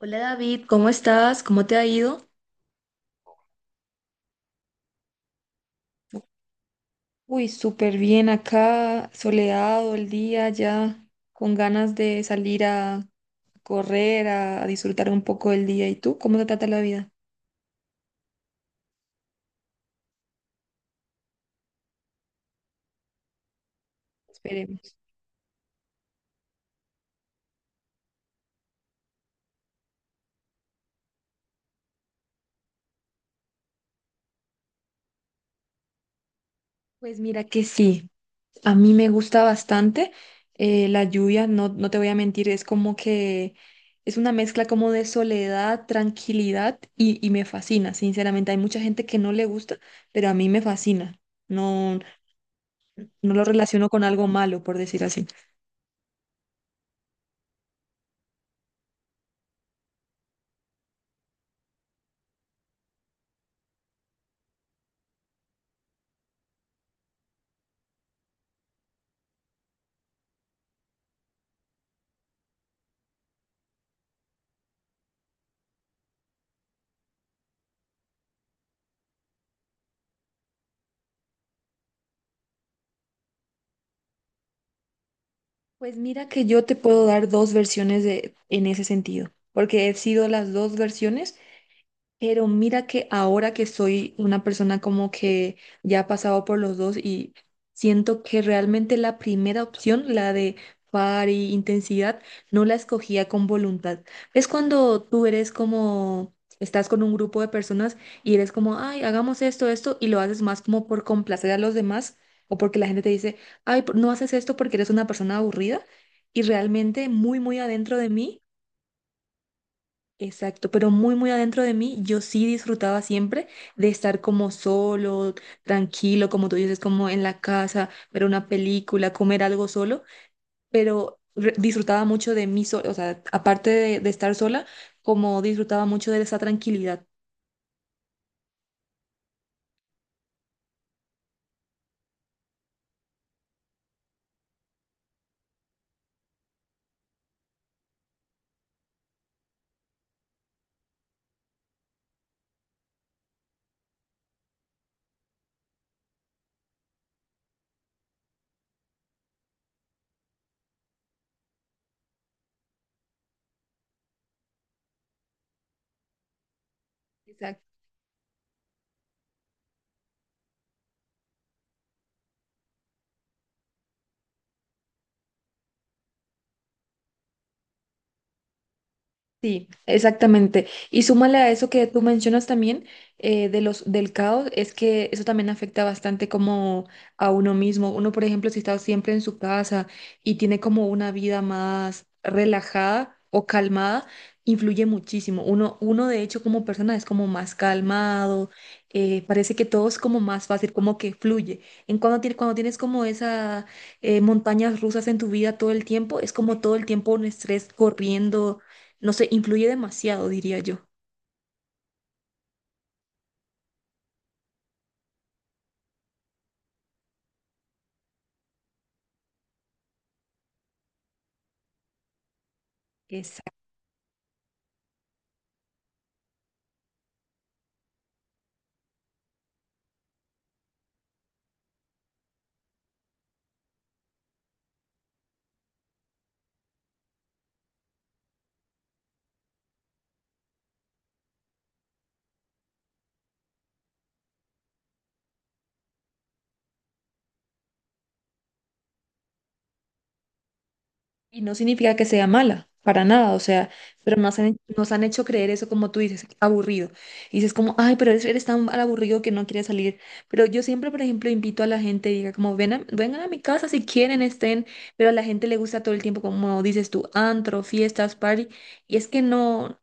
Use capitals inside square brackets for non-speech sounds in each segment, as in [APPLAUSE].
Hola David, ¿cómo estás? ¿Cómo te ha ido? Uy, súper bien acá, soleado el día ya, con ganas de salir a correr, a disfrutar un poco del día. ¿Y tú? ¿Cómo te trata la vida? Esperemos. Pues mira que sí, a mí me gusta bastante la lluvia, no te voy a mentir, es como que es una mezcla como de soledad, tranquilidad y me fascina, sinceramente. Hay mucha gente que no le gusta, pero a mí me fascina. No. No lo relaciono con algo malo, por decir así. Pues mira que yo te puedo dar dos versiones de, en ese sentido, porque he sido las dos versiones. Pero mira que ahora que soy una persona como que ya ha pasado por los dos y siento que realmente la primera opción, la de par y intensidad, no la escogía con voluntad. Es cuando tú eres como, estás con un grupo de personas y eres como, ay, hagamos esto, esto, y lo haces más como por complacer a los demás o porque la gente te dice, ay, no haces esto porque eres una persona aburrida. Y realmente muy, muy adentro de mí. Exacto, pero muy, muy adentro de mí, yo sí disfrutaba siempre de estar como solo, tranquilo, como tú dices, como en la casa, ver una película, comer algo solo, pero disfrutaba mucho de mí sola, o sea, aparte de estar sola, como disfrutaba mucho de esa tranquilidad. Exacto. Sí, exactamente. Y súmale a eso que tú mencionas también de los, del caos, es que eso también afecta bastante como a uno mismo. Uno, por ejemplo, si está siempre en su casa y tiene como una vida más relajada o calmada, influye muchísimo. Uno de hecho, como persona es como más calmado, parece que todo es como más fácil, como que fluye. En cuando tienes como esas montañas rusas en tu vida todo el tiempo, es como todo el tiempo un estrés corriendo, no sé, influye demasiado, diría yo. Exacto. Y no significa que sea mala, para nada, o sea, pero nos han hecho creer eso como tú dices, aburrido. Y dices como, ay, pero eres tan aburrido que no quieres salir. Pero yo siempre, por ejemplo, invito a la gente y diga como, vengan a mi casa si quieren, estén, pero a la gente le gusta todo el tiempo, como dices tú, antro, fiestas, party. Y es que no,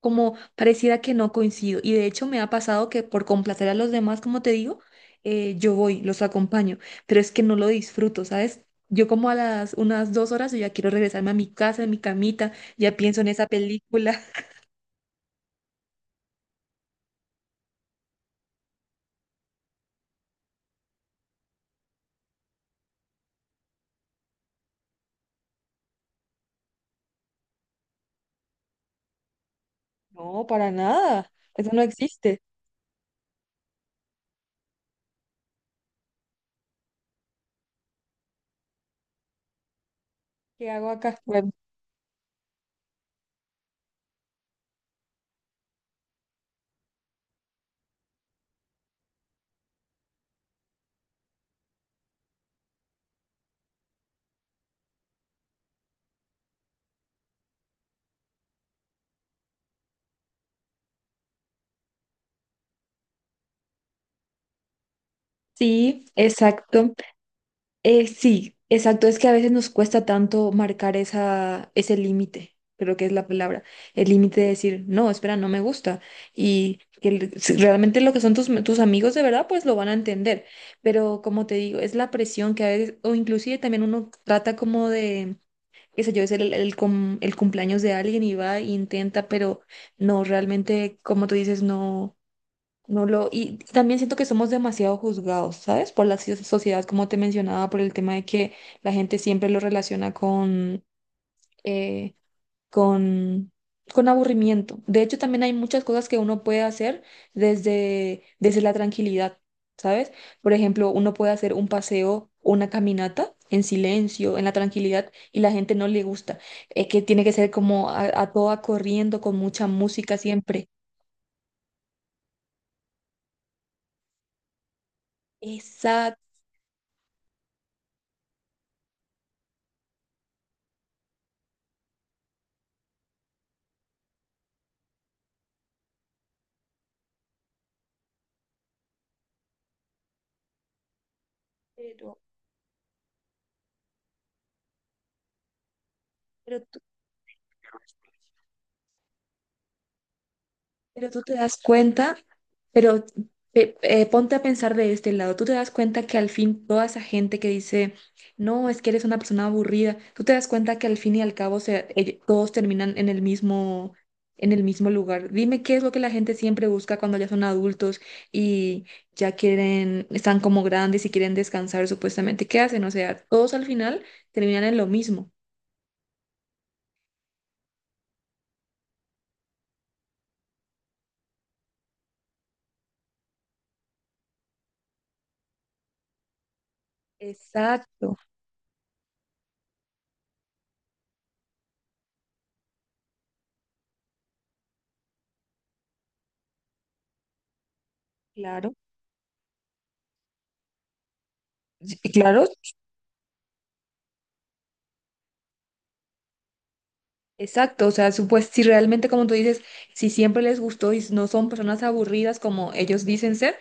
como pareciera que no coincido. Y de hecho me ha pasado que por complacer a los demás, como te digo, yo voy, los acompaño, pero es que no lo disfruto, ¿sabes? Yo como a las unas dos horas yo ya quiero regresarme a mi casa, a mi camita, ya pienso en esa película. [LAUGHS] No, para nada. Eso no existe. ¿Qué hago acá? Bueno, sí, exacto. Sí, exacto. Es que a veces nos cuesta tanto marcar esa, ese límite, creo que es la palabra, el límite de decir, no, espera, no me gusta. Y que si realmente lo que son tus, tus amigos de verdad, pues lo van a entender. Pero como te digo, es la presión que a veces, o inclusive también uno trata como de, qué sé yo, es el cumpleaños de alguien y va e intenta, pero no, realmente, como tú dices, no. No lo, y también siento que somos demasiado juzgados, ¿sabes? Por sociedad, como te mencionaba, por el tema de que la gente siempre lo relaciona con, eh, con, con aburrimiento. De hecho, también hay muchas cosas que uno puede hacer desde la tranquilidad, ¿sabes? Por ejemplo, uno puede hacer un paseo, una caminata en silencio, en la tranquilidad, y la gente no le gusta. Que tiene que ser como a toda corriendo, con mucha música siempre. Exacto. Pero Pero tú te das cuenta, pero ponte a pensar de este lado, tú te das cuenta que al fin toda esa gente que dice, no, es que eres una persona aburrida, tú te das cuenta que al fin y al cabo todos terminan en el mismo lugar. Dime qué es lo que la gente siempre busca cuando ya son adultos y ya quieren, están como grandes y quieren descansar supuestamente. ¿Qué hacen? O sea, todos al final terminan en lo mismo. Exacto, claro. Sí, claro. Exacto, o sea, si realmente como tú dices, si siempre les gustó y no son personas aburridas como ellos dicen ser,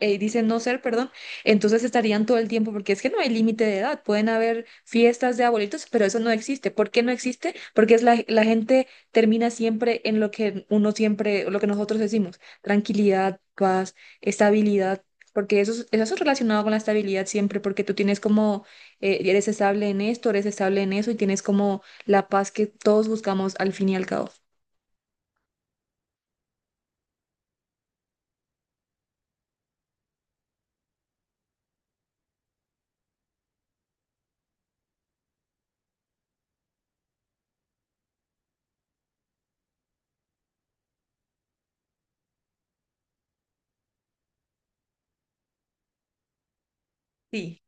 dicen no ser, perdón, entonces estarían todo el tiempo, porque es que no hay límite de edad, pueden haber fiestas de abuelitos, pero eso no existe. ¿Por qué no existe? Porque es la gente termina siempre en lo que uno siempre, lo que nosotros decimos, tranquilidad, paz, estabilidad, porque eso, eso es relacionado con la estabilidad siempre, porque tú tienes como, eres estable en esto, eres estable en eso y tienes como la paz que todos buscamos al fin y al cabo. Sí.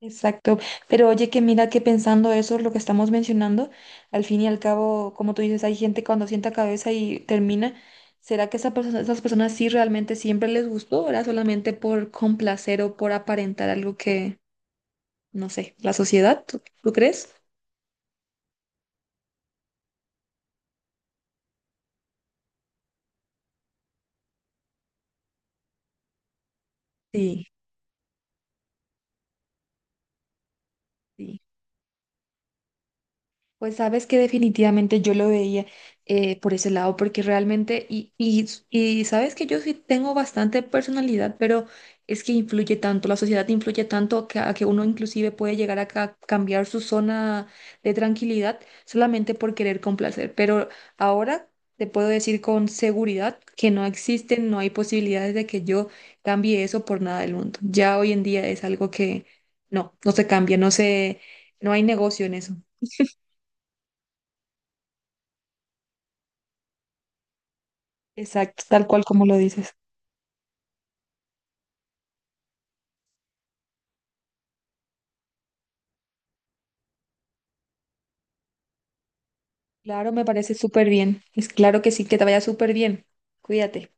Exacto, pero oye que mira que pensando eso, lo que estamos mencionando, al fin y al cabo, como tú dices, hay gente cuando sienta cabeza y termina, ¿será que esa persona, esas personas sí realmente siempre les gustó o era solamente por complacer o por aparentar algo que, no sé, la sociedad, ¿tú, tú crees? Sí, sí. Pues sabes que definitivamente yo lo veía por ese lado, porque realmente, y sabes que yo sí tengo bastante personalidad, pero es que influye tanto, la sociedad influye tanto que, a que uno inclusive puede llegar a cambiar su zona de tranquilidad solamente por querer complacer. Pero ahora te puedo decir con seguridad que no existen, no hay posibilidades de que yo cambie eso por nada del mundo. Ya hoy en día es algo que no se cambia, no se, no hay negocio en eso. Exacto, tal cual como lo dices. Claro, me parece súper bien. Es claro que sí, que te vaya súper bien. Cuídate.